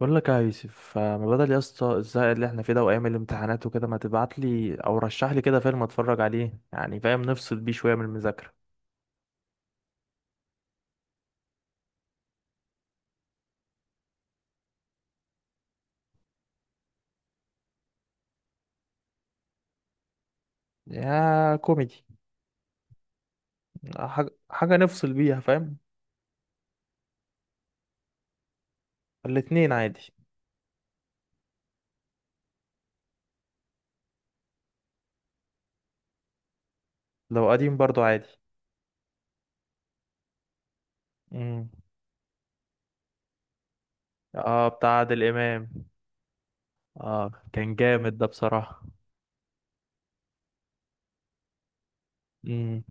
بقول لك يا يوسف، ما بدل يا اسطى الزهق اللي احنا فيه ده وايام الامتحانات وكده، ما تبعت لي او رشح لي كده فيلم اتفرج عليه، يعني فاهم، نفصل بيه شويه من المذاكره. يا كوميدي، حاجه حاجه نفصل بيها، فاهم. الاتنين عادي. لو قديم برضو عادي. امم اه، بتاع عادل امام. اه، كان جامد ده بصراحه. امم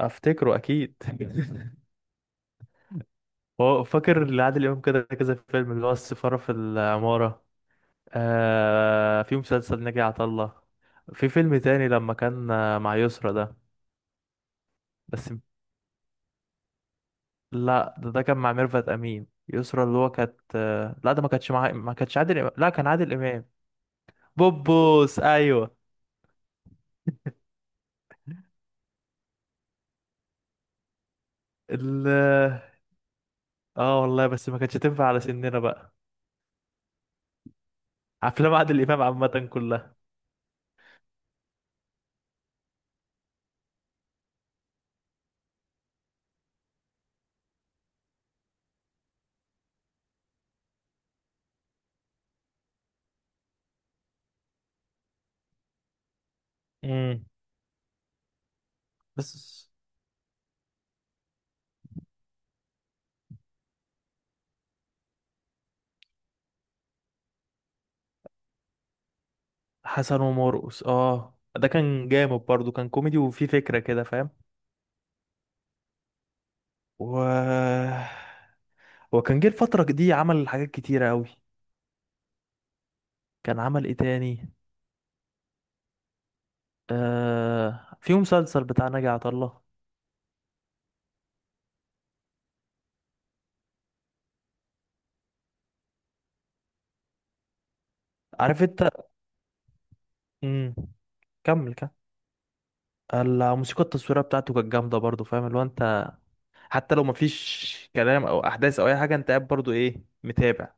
افتكره اكيد. هو فاكر لعادل امام كده كذا فيلم، اللي هو السفاره في العماره. آه، في مسلسل ناجي عطا الله. في فيلم تاني لما كان مع يسرا ده. بس لا، ده كان مع ميرفت امين يسرا، اللي هو كانت لا، ده ما كانتش مع، ما كانتش عادل امام، لا كان عادل امام. بوبوس ايوه. ال، اه والله، بس ما كانتش تنفع على سننا بقى. افلام عادل امام عامه كلها. امم بس، حسن ومرقص. اه ده كان جامد برضو، كان كوميدي وفيه فكرة كده، فاهم. و... وكان جه الفترة دي عمل حاجات كتيرة أوي. كان عمل ايه تاني؟ آه، في مسلسل بتاع ناجي عطا الله. عارف انت. امم كمل كمل. الموسيقى التصويريه بتاعته كانت جامده برضو، فاهم اللي هو انت، حتى لو مفيش كلام او احداث او اي حاجه، انت قاعد برضو ايه، متابع.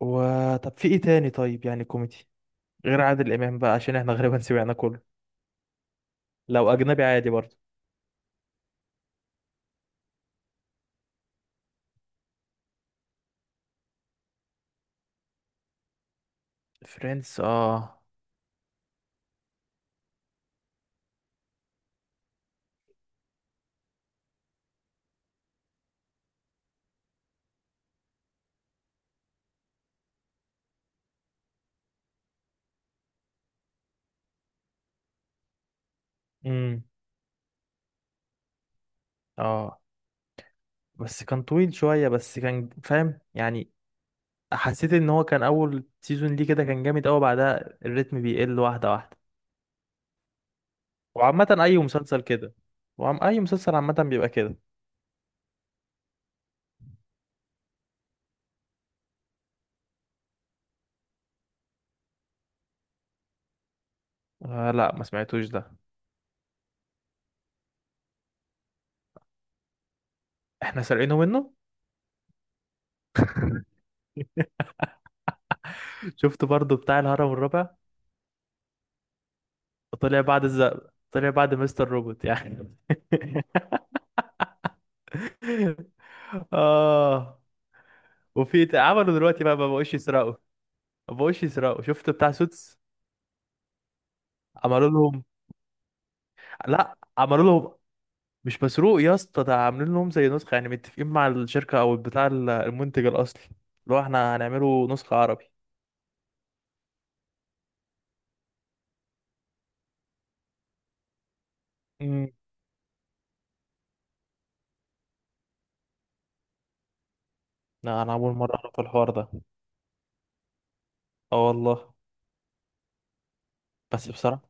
وطب في ايه تاني طيب، يعني كوميدي، غير عادل امام بقى، عشان احنا غالبا سمعنا كله. لو اجنبي عادي برضو. فريندز اه. امم اه، بس كان طويل شويه، بس كان فاهم يعني. حسيت ان هو كان اول سيزون ليه كده كان جامد قوي، بعدها الريتم بيقل واحده واحده. وعامه اي مسلسل كده. اي مسلسل عامه بيبقى كده. آه، لا ما سمعتوش ده. احنا سارقينه منه. شفت برضو بتاع الهرم الرابع؟ طلع بعد الزق، طلع بعد مستر روبوت يعني. اه. عملوا دلوقتي بقى ما بقوش يسرقوا. ما بقوش يسرقوا، شفت بتاع سوتس؟ عملوا لهم. لا، عملوا لهم. مش مسروق يا اسطى، ده عاملين لهم زي نسخة، يعني متفقين مع الشركة او بتاع المنتج الاصلي، اللي هو احنا هنعمله نسخة عربي. امم لا، انا اول مرة اعرف الحوار ده. اه والله. بس بصراحة،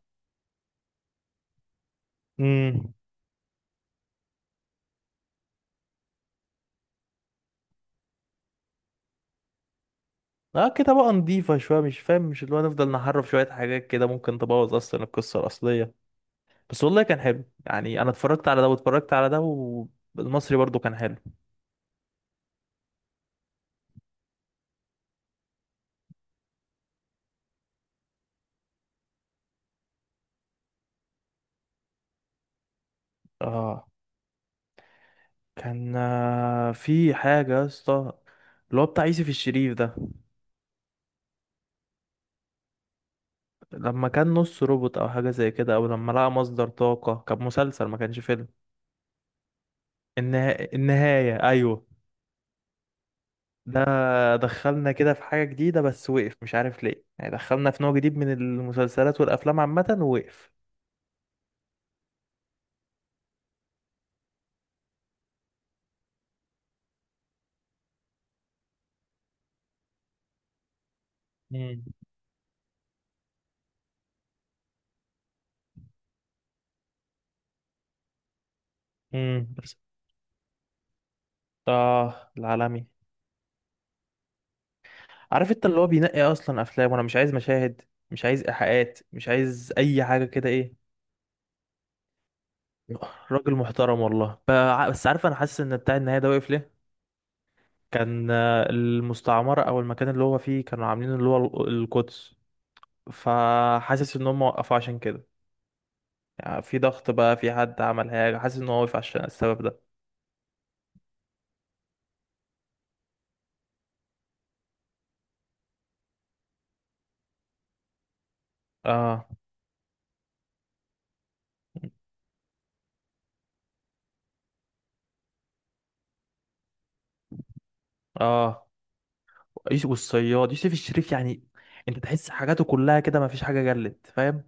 امم اه كده بقى نضيفة شوية، مش فاهم، مش اللي هو نفضل نحرف شوية حاجات كده، ممكن تبوظ اصلا القصة الاصلية. بس والله كان حلو يعني، انا اتفرجت على ده واتفرجت على ده. والمصري برضو كان حلو. اه، كان في حاجة يا اسطى، اللي هو بتاع يوسف الشريف ده، لما كان نص روبوت او حاجه زي كده، او لما لقى مصدر طاقه، كان مسلسل ما كانش فيلم. النهايه ايوه. ده دخلنا كده في حاجه جديده، بس وقف مش عارف ليه، يعني دخلنا في نوع جديد من المسلسلات والافلام عامه، ووقف. مم. بس، اه، العالمي. عارف انت اللي هو بينقي اصلا افلام، وانا مش عايز مشاهد، مش عايز ايحاءات، مش عايز اي حاجه كده، ايه، راجل محترم والله. بس عارف، انا حاسس ان بتاع النهايه ده وقف ليه. كان المستعمرة أو المكان اللي هو فيه كانوا عاملين اللي هو القدس، فحاسس إن هم وقفوا عشان كده. يعني في ضغط بقى، في حد عمل حاجة، حاسس إن هو وقف عشان السبب ده. اه. اه، يوسف والصياد، يوسف الشريف يعني انت تحس حاجاته كلها كده ما فيش حاجة جلت، فاهم.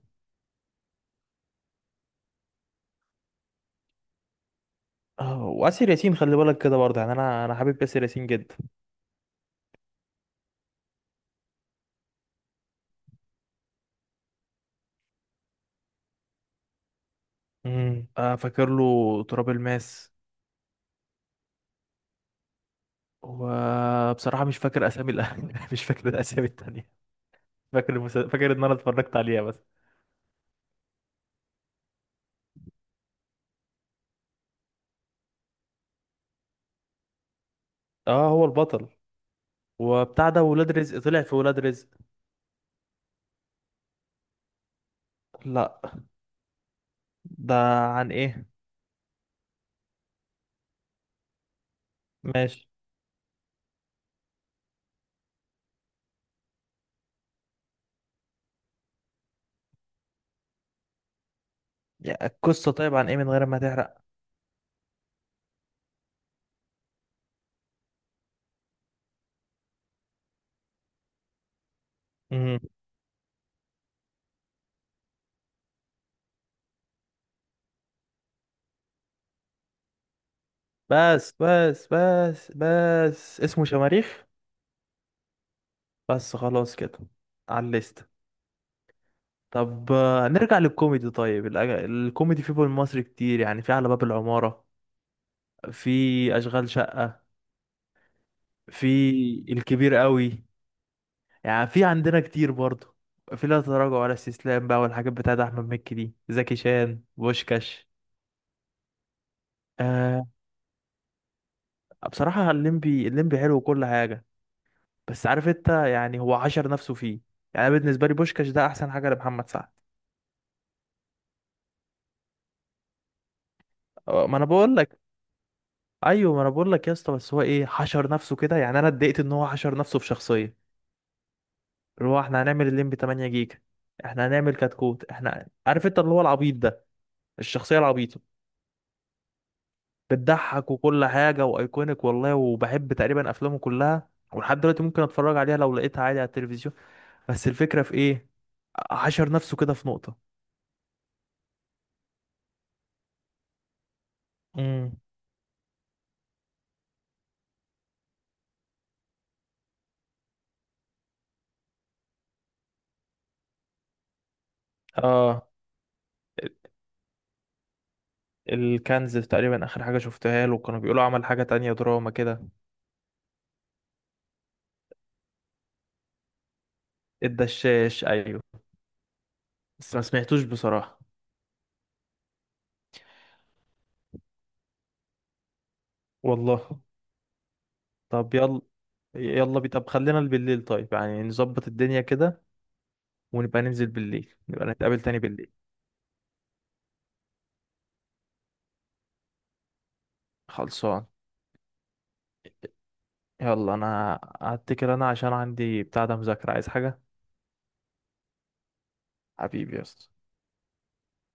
اه، وآسر ياسين خلي بالك كده برضه، يعني انا حابب آسر ياسين جدا. آه، فاكر له تراب الماس. وبصراحة مش فاكر اسامي مش فاكر الاسامي التانية. فاكر ان انا اتفرجت عليها بس. اه، هو البطل. وبتاع ده ولاد رزق، طلع في ولاد رزق. لا. ده عن ايه؟ ماشي. يا القصة طيب، عن ايه من غير ما تحرق. مم. بس بس بس بس، اسمه شماريخ، بس خلاص كده، على الليست. طب نرجع للكوميدي طيب. الكوميدي في بول مصر كتير، يعني في على باب العمارة، في أشغال شقة، في الكبير قوي، يعني في عندنا كتير برضه. في لا تراجع ولا استسلام بقى، والحاجات بتاعت احمد مكي دي، زكي شان، بوشكاش. آه بصراحه الليمبي، الليمبي حلو وكل حاجه، بس عارف انت، يعني هو حشر نفسه فيه. يعني أنا بالنسبه لي بوشكاش ده احسن حاجه لمحمد سعد. آه، ما انا بقول لك. ايوه ما انا بقول لك يا اسطى، بس هو ايه حشر نفسه كده، يعني انا اتضايقت ان هو حشر نفسه في شخصيه. اللي هو احنا هنعمل الليمبي 8 جيجا، احنا هنعمل كتكوت، احنا عارف انت اللي هو العبيط ده، الشخصيه العبيطه، بتضحك وكل حاجة وايكونيك والله، وبحب تقريبا افلامه كلها، ولحد دلوقتي ممكن اتفرج عليها لو لقيتها عادي على التلفزيون. بس الفكرة في ايه، حشر نفسه كده في نقطة. امم اه، الكنز تقريبا اخر حاجة شفتها له، كانوا بيقولوا عمل حاجة تانية دراما كده. الدشاش ايوه، بس ما سمعتوش بصراحة. والله. طب يلا، يلا بي، طب خلينا بالليل طيب، يعني نظبط الدنيا كده، ونبقى ننزل بالليل، نبقى نتقابل تاني بالليل. خلصان. يلا انا هتكل، انا عشان عندي بتاع ده مذاكرة، عايز حاجة؟ حبيبي يا اسطى.